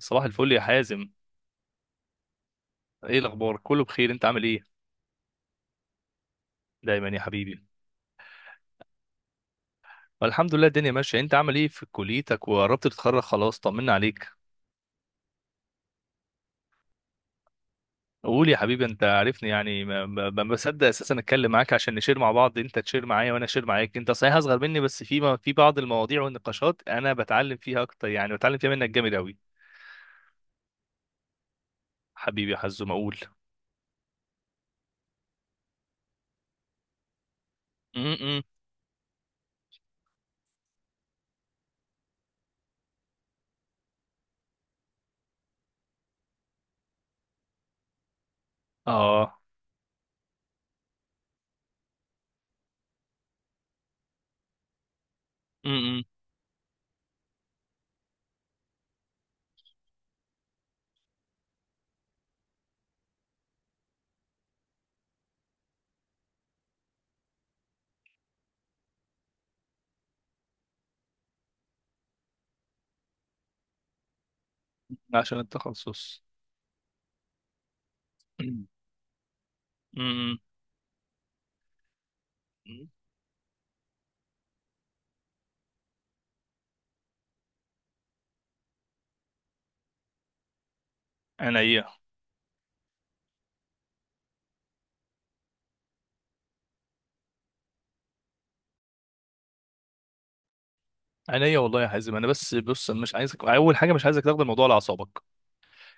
صباح الفل يا حازم. ايه الاخبار، كله بخير؟ انت عامل ايه؟ دايما يا حبيبي. والحمد لله الدنيا ماشيه، انت عامل ايه في كليتك؟ وقربت تتخرج خلاص، طمنا عليك. قول يا حبيبي، انت عارفني، يعني ما بصدق اساسا اتكلم معاك عشان نشير مع بعض، انت تشير معايا وانا اشير معاك. انت صحيح اصغر مني بس في ما في بعض المواضيع والنقاشات انا بتعلم فيها اكتر، يعني بتعلم فيها منك جامد قوي. حبيبي يا حزم اقول. م-م. اه. م-م. عشان التخصص. م-م. انا إيه؟ عينيا والله يا حازم، انا بس بص، أنا مش عايزك، اول حاجه مش عايزك تاخد الموضوع على اعصابك.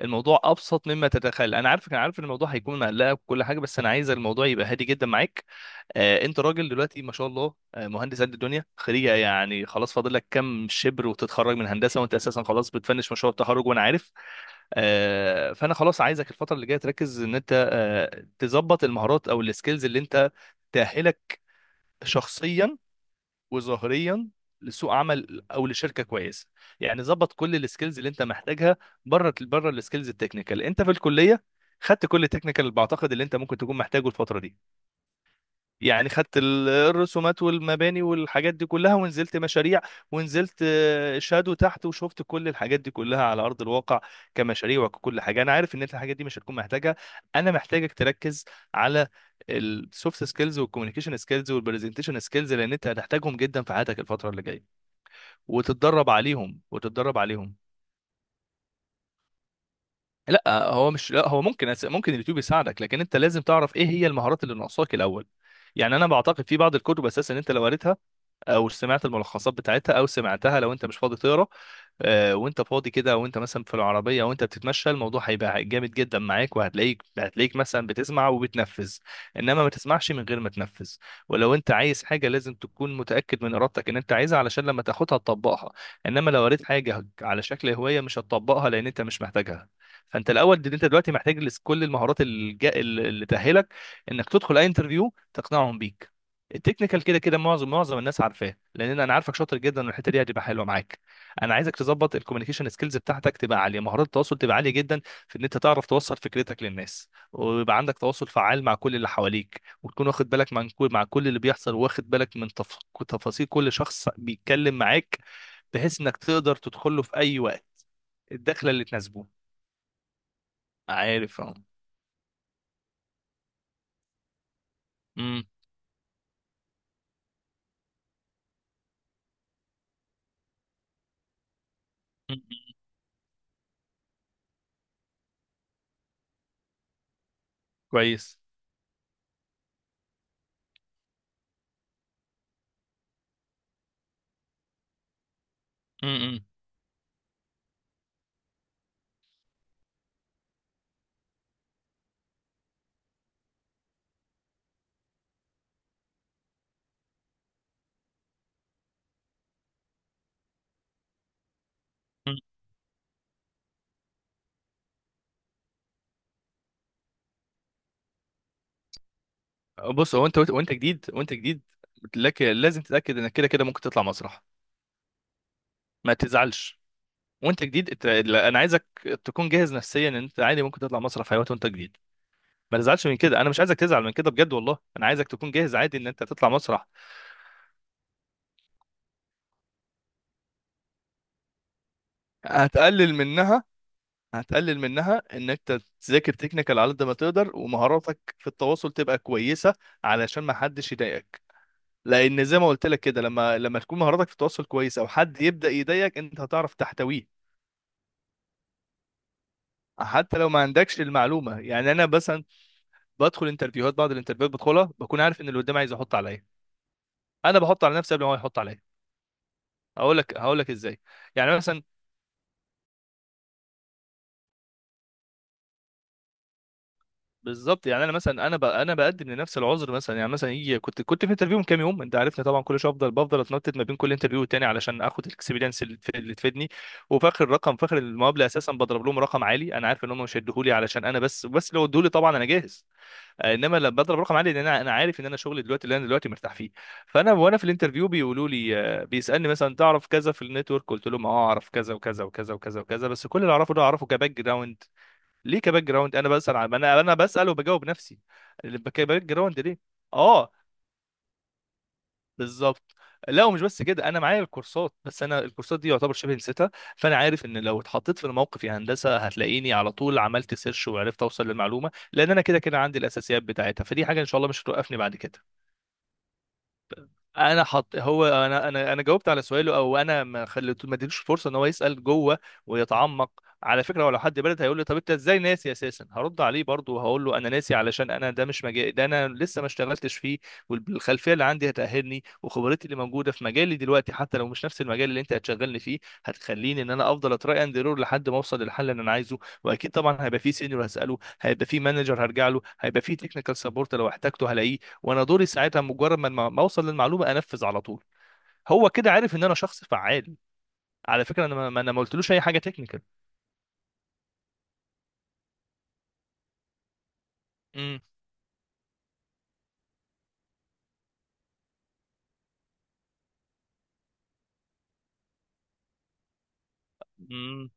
الموضوع ابسط مما تتخيل، انا عارفك، انا عارف ان الموضوع هيكون مقلقك وكل حاجه، بس انا عايز الموضوع يبقى هادي جدا معاك. آه، انت راجل دلوقتي ما شاء الله، آه، مهندس قد الدنيا، خريجه يعني خلاص، فاضل لك كام شبر وتتخرج من هندسه، وانت اساسا خلاص بتفنش مشروع التخرج وانا عارف. آه، فانا خلاص عايزك الفتره اللي جايه تركز ان انت آه تظبط المهارات او السكيلز اللي انت تأهلك شخصيا وظاهريا لسوق عمل او لشركه كويسه. يعني ظبط كل السكيلز اللي انت محتاجها، بره بره السكيلز التكنيكال، انت في الكليه خدت كل التكنيكال اللي بعتقد اللي انت ممكن تكون محتاجه الفتره دي. يعني الرسومات والمباني والحاجات دي كلها، ونزلت مشاريع، ونزلت آه، شادو تحت وشفت كل الحاجات دي كلها على أرض الواقع كمشاريع وككل حاجة. أنا عارف إن أنت الحاجات دي مش هتكون محتاجها. أنا محتاجك تركز على السوفت سكيلز والكوميونيكيشن سكيلز والبرزنتيشن سكيلز لأن أنت هتحتاجهم جدا في حياتك الفترة اللي جاية، وتتدرب عليهم وتتدرب عليهم. لا هو مش، لا هو ممكن اليوتيوب يساعدك، لكن انت لازم تعرف ايه هي المهارات اللي ناقصاك الاول. يعني انا بعتقد في بعض الكتب اساسا انت لو قريتها، او سمعت الملخصات بتاعتها، او سمعتها لو انت مش فاضي تقرا. آه، وانت فاضي كده، وانت مثلا في العربيه وانت بتتمشى، الموضوع هيبقى جامد جدا معاك، وهتلاقيك مثلا بتسمع وبتنفذ. انما ما تسمعش من غير ما تنفذ. ولو انت عايز حاجه لازم تكون متاكد من ارادتك ان انت عايزها، علشان لما تاخدها تطبقها. انما لو قريت حاجه على شكل هوايه مش هتطبقها لان انت مش محتاجها. فانت الاول دي، انت دلوقتي كل اللي تاهلك انك تدخل اي انترفيو تقنعهم بيك. التكنيكال كده كده معظم الناس عارفاه، لان انا عارفك شاطر جدا، والحته دي هتبقى حلوه معاك. انا عايزك تظبط الكوميونيكيشن سكيلز بتاعتك تبقى عاليه، مهارات التواصل تبقى عاليه جدا، في ان انت تعرف توصل فكرتك للناس، ويبقى عندك تواصل فعال مع كل اللي حواليك، وتكون واخد بالك من كل، مع كل اللي بيحصل، واخد بالك من تفاصيل كل شخص بيتكلم معاك، بحيث انك تقدر تدخل له في اي وقت الدخله اللي تناسبه. عارف، اه. امم. أمم. كويس. امم، بص، هو انت وانت جديد، وانت جديد لك لازم تتاكد انك كده كده ممكن تطلع مسرح، ما تزعلش. وانت جديد ات- لا، انا عايزك تكون جاهز نفسيا ان انت عادي ممكن تطلع مسرح في اي وقت وانت جديد. ما تزعلش من كده، انا مش عايزك تزعل من كده بجد، والله انا عايزك تكون جاهز عادي ان انت تطلع مسرح. هتقلل منها هتقلل منها ان انت تذاكر تكنيكال على قد ما تقدر، ومهاراتك في التواصل تبقى كويسه، علشان ما حدش يضايقك. لان زي ما قلت لك كده، لما تكون مهاراتك في التواصل كويسه وحد يبدا يضايقك، انت هتعرف تحتويه. حتى لو ما عندكش المعلومه، يعني انا مثلا بدخل انترفيوهات، بعض الانترفيوهات بدخلها بكون عارف ان اللي قدامي عايز يحط عليا، انا بحط على نفسي قبل ما هو يحط عليا. هقول لك ازاي. يعني مثلا، بالظبط، يعني انا مثلا انا ب... انا بقدم لنفس العذر، مثلا يعني، مثلا يجي كنت في انترفيو من كام يوم، انت عارفني طبعا كل شويه افضل بفضل اتنطط ما بين كل انترفيو والتاني علشان اخد الاكسبيرينس اللي تفيدني. وفي اخر الرقم، في اخر المقابله اساسا بضرب لهم رقم عالي، انا عارف ان هم مش هيديهولي علشان انا، بس لو اديهولي طبعا انا جاهز. آه، انما لما بضرب رقم عالي، لان انا عارف ان انا شغلي دلوقتي اللي انا دلوقتي مرتاح فيه. فانا وانا في الانترفيو بيقولوا لي آه، بيسالني مثلا تعرف كذا في النتورك، قلت لهم اه اعرف كذا وكذا وكذا وكذا وكذا، بس كل اللي اعرفه ده اعرفه كباك جراوند. ليه كباك جراوند؟ انا بسال عن، انا بسال وبجاوب نفسي. باك جراوند ليه؟ اه. بالظبط. لا، ومش بس كده، انا معايا الكورسات، بس انا الكورسات دي يعتبر شبه نسيتها، فانا عارف ان لو اتحطيت في الموقف يا هندسه هتلاقيني على طول عملت سيرش وعرفت اوصل للمعلومه، لان انا كده كده عندي الاساسيات بتاعتها، فدي حاجه ان شاء الله مش هتوقفني بعد كده. انا حط، هو انا انا انا جاوبت على سؤاله، او انا ما خليته، ما اديتوش فرصه ان هو يسال جوه ويتعمق. على فكره، ولو حد برد هيقول لي طب انت ازاي ناسي اساسا، هرد عليه برضه وهقول له انا ناسي علشان انا ده مش مجالي، ده انا لسه ما اشتغلتش فيه. والخلفيه اللي عندي هتاهلني، وخبرتي اللي موجوده في مجالي دلوقتي حتى لو مش نفس المجال اللي انت هتشغلني فيه هتخليني ان انا افضل اتراي اند ايرور لحد ما اوصل للحل اللي انا عايزه. واكيد طبعا هيبقى فيه سينيور هساله، هيبقى فيه مانجر هرجع له، هيبقى فيه تكنيكال سبورت لو احتاجته هلاقيه. وانا دوري ساعتها مجرد ما اوصل للمعلومه انفذ على طول. هو كده عارف ان انا شخص فعال. على فكره، انا ما قلتلوش اي حاجه تكنيكال. امم، امم.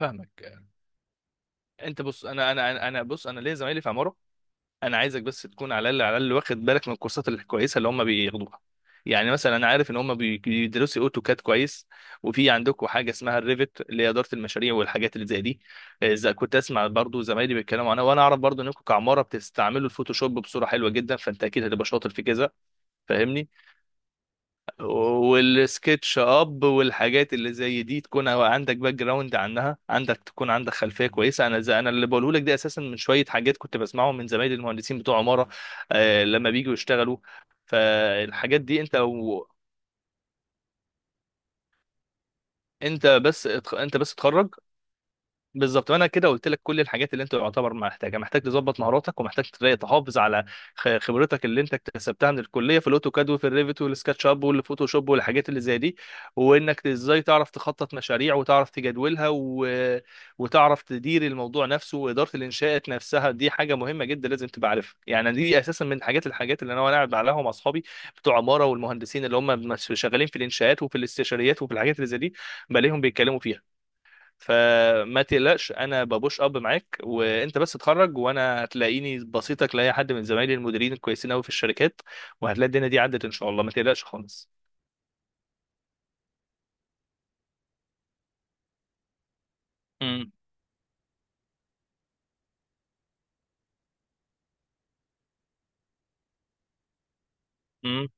فاهمك. انت بص، بص انا ليا زمايلي في عماره. انا عايزك بس تكون على الاقل واخد بالك من الكورسات الكويسه اللي هم بياخدوها. يعني مثلا انا عارف ان هم بيدرسوا اوتوكاد كويس. وفي عندكم حاجه اسمها الريفت اللي هي اداره المشاريع والحاجات اللي زي دي. اذا كنت اسمع برضو زمايلي بيتكلموا عنها، وانا اعرف برضو انكم كعماره بتستعملوا الفوتوشوب بصوره حلوه جدا، فانت اكيد هتبقى شاطر في كذا. فاهمني. والسكتش اب والحاجات اللي زي دي تكون عندك باك جراوند عنها، تكون عندك خلفيه كويسه. انا زي انا اللي بقوله لك ده اساسا من شويه حاجات كنت بسمعهم من زمايلي المهندسين بتوع عماره آه لما بيجوا يشتغلوا. فالحاجات دي انت لو، انت بس اتخرج. بالظبط. وانا كده قلت لك كل الحاجات اللي انت يعتبر محتاجها، محتاج تظبط مهاراتك، ومحتاج تلاقي تحافظ على خبرتك اللي انت اكتسبتها من الكليه في الاوتوكاد وفي الريفت والسكتش اب والفوتوشوب والحاجات اللي زي دي، وانك ازاي تعرف تخطط مشاريع وتعرف تجدولها و... وتعرف تدير الموضوع نفسه. واداره الانشاءات نفسها دي حاجه مهمه جدا لازم تبقى عارفها. يعني دي اساسا من حاجات اللي انا وانا قاعد عليها مع اصحابي بتوع عماره والمهندسين اللي هم شغالين في الانشاءات وفي الاستشاريات وفي الحاجات اللي زي دي، بلاقيهم بيتكلموا فيها. فما تقلقش، انا ببوش اب معاك، وانت بس اتخرج وانا هتلاقيني بسيطك لاي حد من زمايلي المديرين الكويسين قوي في الشركات، وهتلاقي الدنيا دي عدت ان شاء الله، ما تقلقش خالص. امم، امم.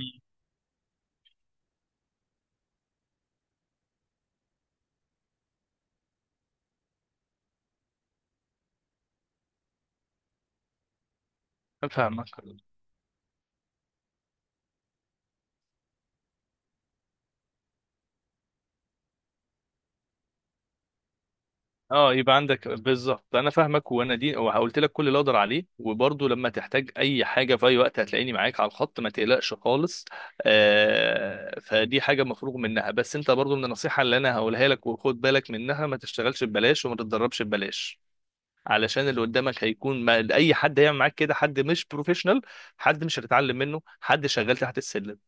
أمم. فاهمك. اه، يبقى عندك بالظبط انا فاهمك. وانا دي وقلت لك كل اللي اقدر عليه، وبرضه لما تحتاج اي حاجه في اي وقت هتلاقيني معاك على الخط، ما تقلقش خالص. آه، فدي حاجه مفروغ منها. بس انت برضه من النصيحه اللي انا هقولها لك وخد بالك منها، ما تشتغلش ببلاش وما تتدربش ببلاش، علشان اللي قدامك هيكون ما، اي حد هيعمل معاك كده حد مش بروفيشنال، حد مش هتتعلم منه، حد شغال تحت السلم.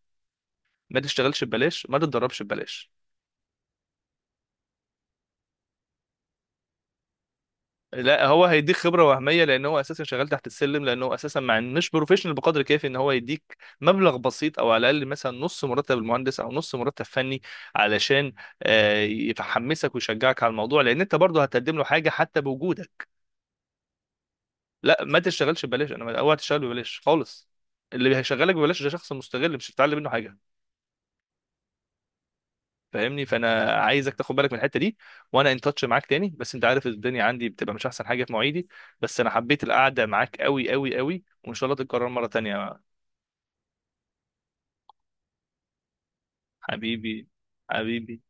ما تشتغلش ببلاش، ما تتدربش ببلاش. لا، هو هيديك خبره وهميه، لان هو اساسا شغال تحت السلم، لان هو اساسا مع إن مش بروفيشنال بقدر كافي ان هو يديك مبلغ بسيط او على الاقل مثلا نص مرتب المهندس او نص مرتب فني، علشان آه، يحمسك ويشجعك على الموضوع، لان انت برضه هتقدم له حاجه حتى بوجودك. لا، ما تشتغلش ببلاش، انا اوعى تشتغل ببلاش خالص، اللي هيشغلك ببلاش ده شخص مستغل مش هتتعلم منه حاجه. فاهمني، فانا عايزك تاخد بالك من الحته دي. وانا ان تاتش معاك تاني، بس انت عارف الدنيا عندي بتبقى مش احسن حاجه في مواعيدي، بس انا حبيت القعده معاك قوي قوي قوي وان شاء الله تتكرر مره تانية. حبيبي، حبيبي،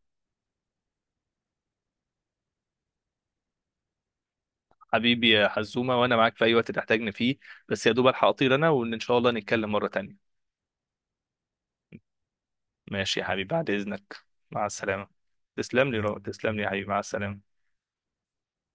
حبيبي يا حزومه، وانا معاك في اي وقت تحتاجني فيه. بس يا دوب الحق اطير انا، وان شاء الله نتكلم مره تانية. ماشي يا حبيبي، بعد اذنك، مع السلامه. تسلم لي رو. تسلم لي يا حبيبي، مع السلامه.